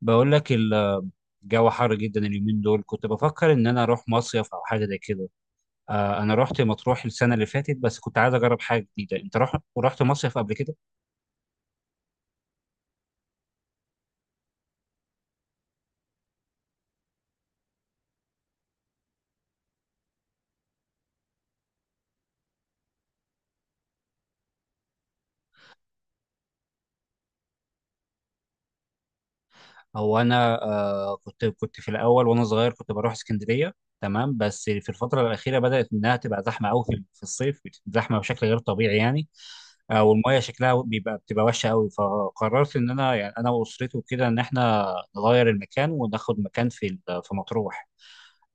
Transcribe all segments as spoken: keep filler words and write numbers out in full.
بقول لك الجو حر جدا اليومين دول. كنت بفكر ان انا اروح مصيف او حاجه زي كده. آه، انا رحت مطروح السنه اللي فاتت، بس كنت عايز اجرب حاجه جديده. انت رحت رحت مصيف قبل كده؟ هو انا آه كنت كنت في الاول وانا صغير، كنت بروح اسكندريه. تمام، بس في الفتره الاخيره بدات انها تبقى زحمه قوي في في الصيف. زحمه بشكل غير طبيعي يعني. آه، والميه شكلها بيبقى بتبقى وحشه قوي، فقررت ان انا يعني انا واسرتي وكده ان احنا نغير المكان وناخد مكان في في مطروح.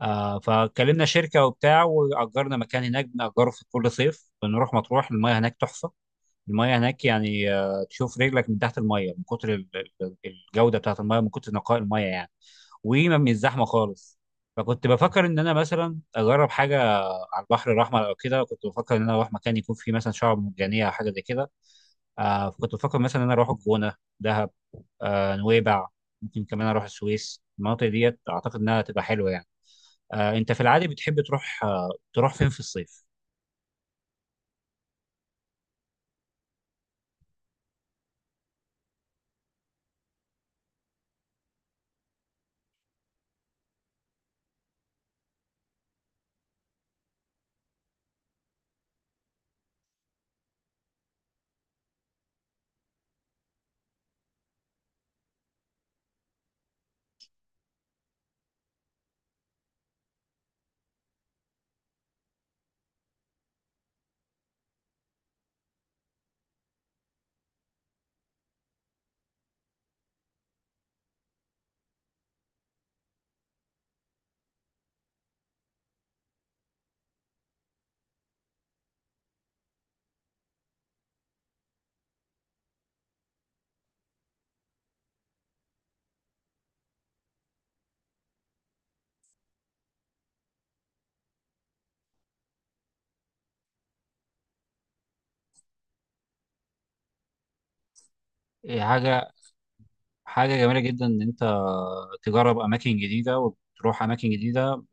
آه، فكلمنا شركه وبتاع، واجرنا مكان هناك بنأجره في كل صيف. بنروح مطروح، المايه هناك تحفه. المايه هناك يعني، آه تشوف رجلك من تحت المايه من كتر ال- ال- الجوده بتاعت المايه، من كتر نقاء المايه يعني. وما الزحمه خالص. فكنت بفكر ان انا مثلا اجرب حاجه على البحر الاحمر او كده. كنت بفكر ان انا اروح مكان يكون فيه مثلا شعاب مرجانيه او حاجه زي كده. آه فكنت بفكر مثلا ان انا اروح الجونه، دهب، آه نويبع. ممكن كمان اروح السويس، المناطق ديت اعتقد انها تبقى حلوه يعني. آه، انت في العادي بتحب تروح آه، تروح فين في الصيف؟ إيه، حاجة حاجة جميلة جدا إن أنت تجرب أماكن جديدة وتروح أماكن جديدة، ب-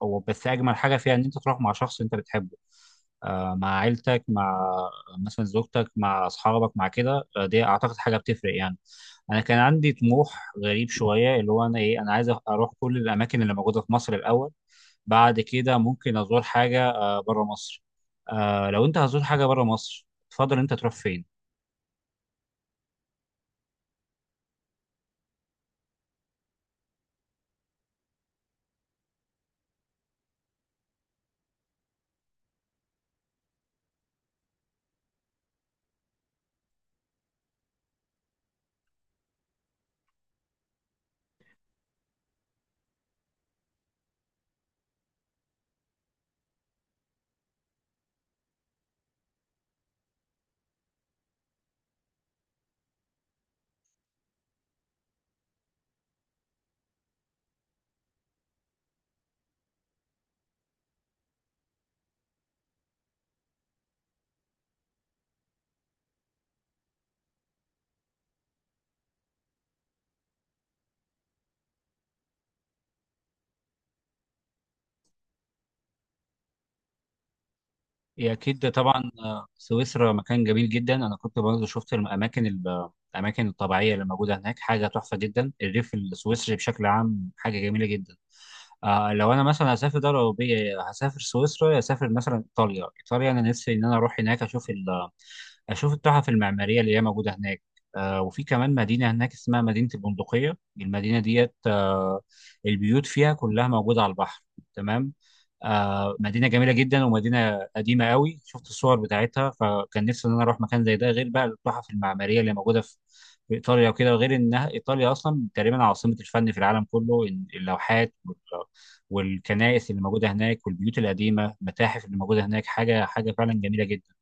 و- بس أجمل حاجة فيها إن أنت تروح مع شخص أنت بتحبه. آه، مع عيلتك، مع مثلا زوجتك، مع أصحابك، مع كده، آه، دي أعتقد حاجة بتفرق يعني. أنا كان عندي طموح غريب شوية، اللي هو أنا إيه أنا عايز أروح كل الأماكن اللي موجودة في مصر الأول، بعد كده ممكن أزور حاجة آه، بره مصر. آه، لو أنت هتزور حاجة بره مصر، تفضل أنت تروح فين؟ هي اكيد طبعا، آه، سويسرا مكان جميل جدا. انا كنت برضه شفت الاماكن ال- الاماكن الطبيعيه اللي موجوده هناك، حاجه تحفه جدا. الريف السويسري بشكل عام حاجه جميله جدا. آه لو انا مثلا هسافر دوله اوروبيه، هسافر سويسرا، هسافر مثلا ايطاليا. ايطاليا انا نفسي ان انا اروح هناك اشوف ال اشوف التحف المعماريه اللي هي موجوده هناك. آه وفي كمان مدينه هناك اسمها مدينه البندقيه. المدينه ديت، آه البيوت فيها كلها موجوده على البحر، تمام. آه مدينه جميله جدا، ومدينه قديمه قوي، شفت الصور بتاعتها، فكان نفسي ان انا اروح مكان زي ده، غير بقى التحف المعماريه اللي موجوده في في ايطاليا وكده. غير انها ايطاليا اصلا تقريبا عاصمه الفن في العالم كله. إن- اللوحات والكنائس اللي موجوده هناك والبيوت القديمه، المتاحف اللي موجوده هناك، حاجه حاجه فعلا جميله جدا.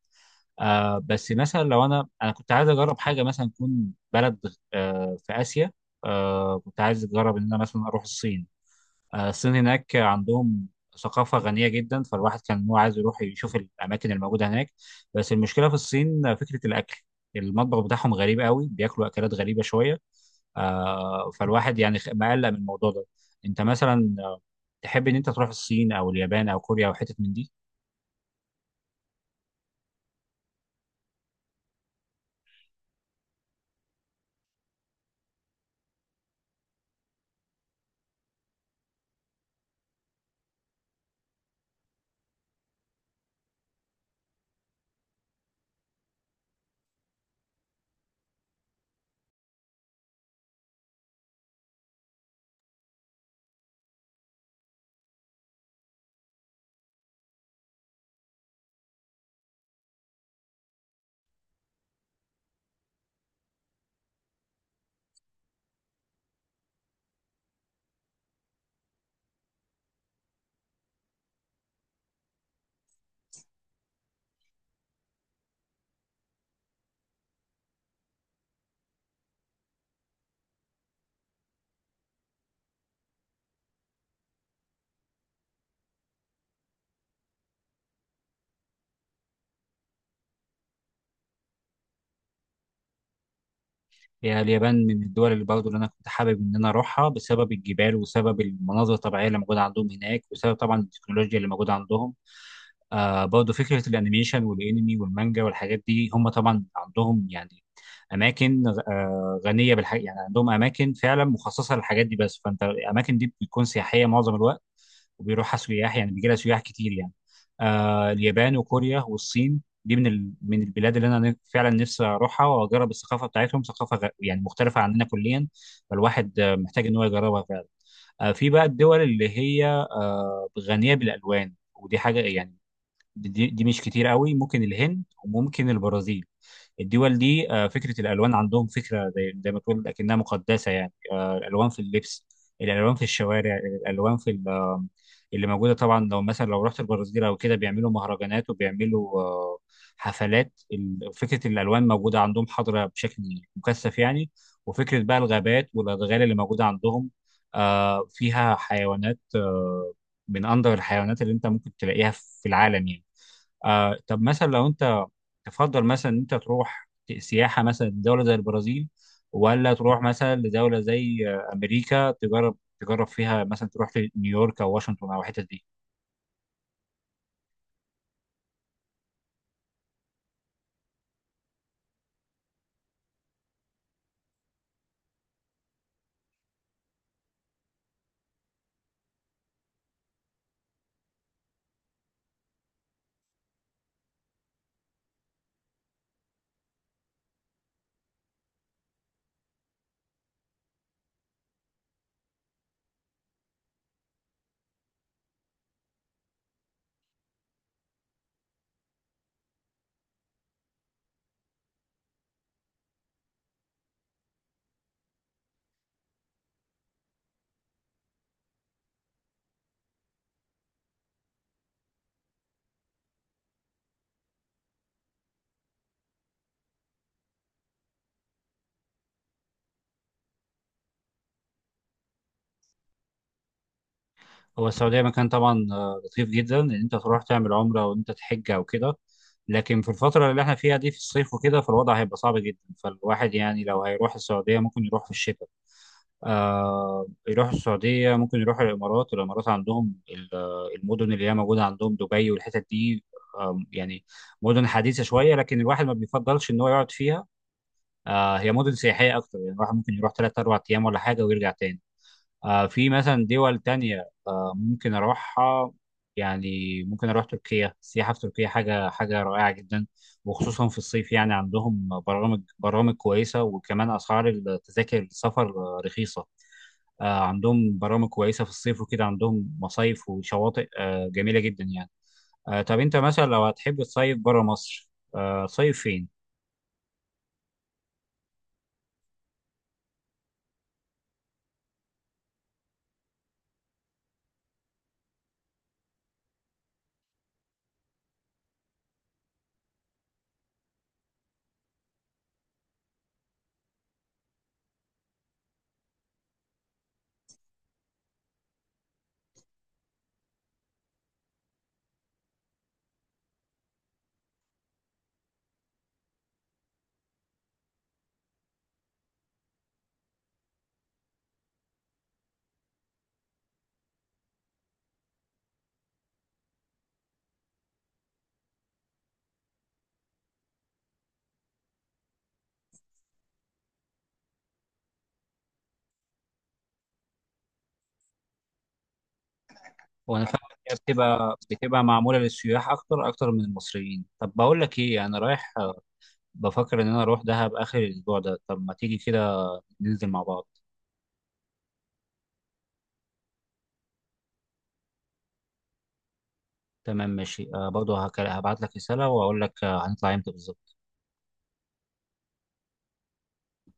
آه بس مثلا لو انا انا كنت عايز اجرب حاجه مثلا تكون بلد آه في اسيا. آه كنت عايز اجرب ان انا مثلا اروح الصين. آه الصين هناك عندهم ثقافه غنيه جدا، فالواحد كان هو عايز يروح يشوف الاماكن الموجوده هناك. بس المشكله في الصين فكره الاكل. المطبخ بتاعهم غريب قوي، بياكلوا اكلات غريبه شويه. آه، فالواحد يعني خ- مقلق من الموضوع ده. انت مثلا، آه، تحب ان انت تروح الصين او اليابان او كوريا او حتت من دي؟ هي اليابان من الدول اللي برضه اللي انا كنت حابب ان انا اروحها، بسبب الجبال، وسبب المناظر الطبيعيه اللي موجوده عندهم هناك، وسبب طبعا التكنولوجيا اللي موجوده عندهم. آه برضه فكره الانيميشن والانمي والمانجا والحاجات دي، هم طبعا عندهم يعني اماكن آه غنيه بالحاجات. يعني عندهم اماكن فعلا مخصصه للحاجات دي، بس فانت الاماكن دي بتكون سياحيه معظم الوقت، وبيروحها سياح يعني، بيجي لها سياح كتير يعني. آه اليابان وكوريا والصين دي من ال... من البلاد اللي انا ن- فعلا نفسي اروحها، واجرب الثقافه بتاعتهم، ثقافه غ... يعني مختلفه عننا كليا. فالواحد آه، محتاج ان هو يجربها فعلا. آه في بقى الدول اللي هي آه غنيه بالالوان، ودي حاجه يعني دي, دي مش كتير قوي، ممكن الهند وممكن البرازيل. الدول دي، آه، فكرة الألوان عندهم، فكرة زي زي ما تقول لكنها مقدسة يعني. آه، الألوان في اللبس، الألوان في الشوارع، الألوان في ال- آه، اللي موجودة. طبعا لو مثلا لو رحت البرازيل أو كده بيعملوا مهرجانات، وبيعملوا آه، حفلات. ال- فكرة الألوان موجودة عندهم حاضرة بشكل مكثف يعني. وفكرة بقى الغابات والأدغال اللي موجودة عندهم، آه، فيها حيوانات آه، من أندر الحيوانات اللي أنت ممكن تلاقيها في العالم يعني. آه طب مثلا لو انت تفضل مثلا انت تروح سياحه مثلا دوله زي البرازيل، ولا تروح مثلا لدوله زي آه، امريكا تجرب تجرب فيها مثلا تروح في نيويورك او واشنطن او الحتت دي؟ هو السعوديه مكان طبعا، آه، لطيف جدا ان انت تروح تعمل عمره وان انت تحج او كده، لكن في الفتره اللي احنا فيها دي في الصيف وكده، فالوضع هيبقى صعب جدا. فالواحد يعني لو هيروح السعوديه ممكن يروح في الشتاء. آه يروحوا السعودية، ممكن يروحوا الإمارات. الإمارات عندهم ال- آه، المدن اللي هي موجودة عندهم دبي والحتت دي. آم، يعني مدن حديثة شوية، لكن الواحد ما بيفضلش إن هو يقعد فيها. آه هي مدن سياحية أكتر يعني، الواحد ممكن يروح تلات أربع أيام ولا حاجة ويرجع تاني. آه، في مثلا دول تانية آه، ممكن أروحها يعني. ممكن أروح تركيا، السياحة في تركيا حاجة حاجة رائعة جدا، وخصوصا في الصيف يعني. عندهم برامج برامج كويسة، وكمان أسعار التذاكر السفر آه، رخيصة. آه، عندهم برامج كويسة في الصيف وكده، عندهم مصايف وشواطئ آه، جميلة جدا يعني. آه، طب أنت مثلا لو هتحب تصيف برا مصر، آه، صيف فين؟ وأنا فاهم إن هي بتبقى بتبقى معمولة للسياح أكتر أكتر من المصريين. طب بقول لك إيه، أنا رايح بفكر إن أنا أروح دهب آخر الأسبوع ده. طب ما تيجي كده ننزل مع بعض. تمام ماشي، آه برضه هك- هبعت لك رسالة وأقول لك آه هنطلع إمتى بالظبط.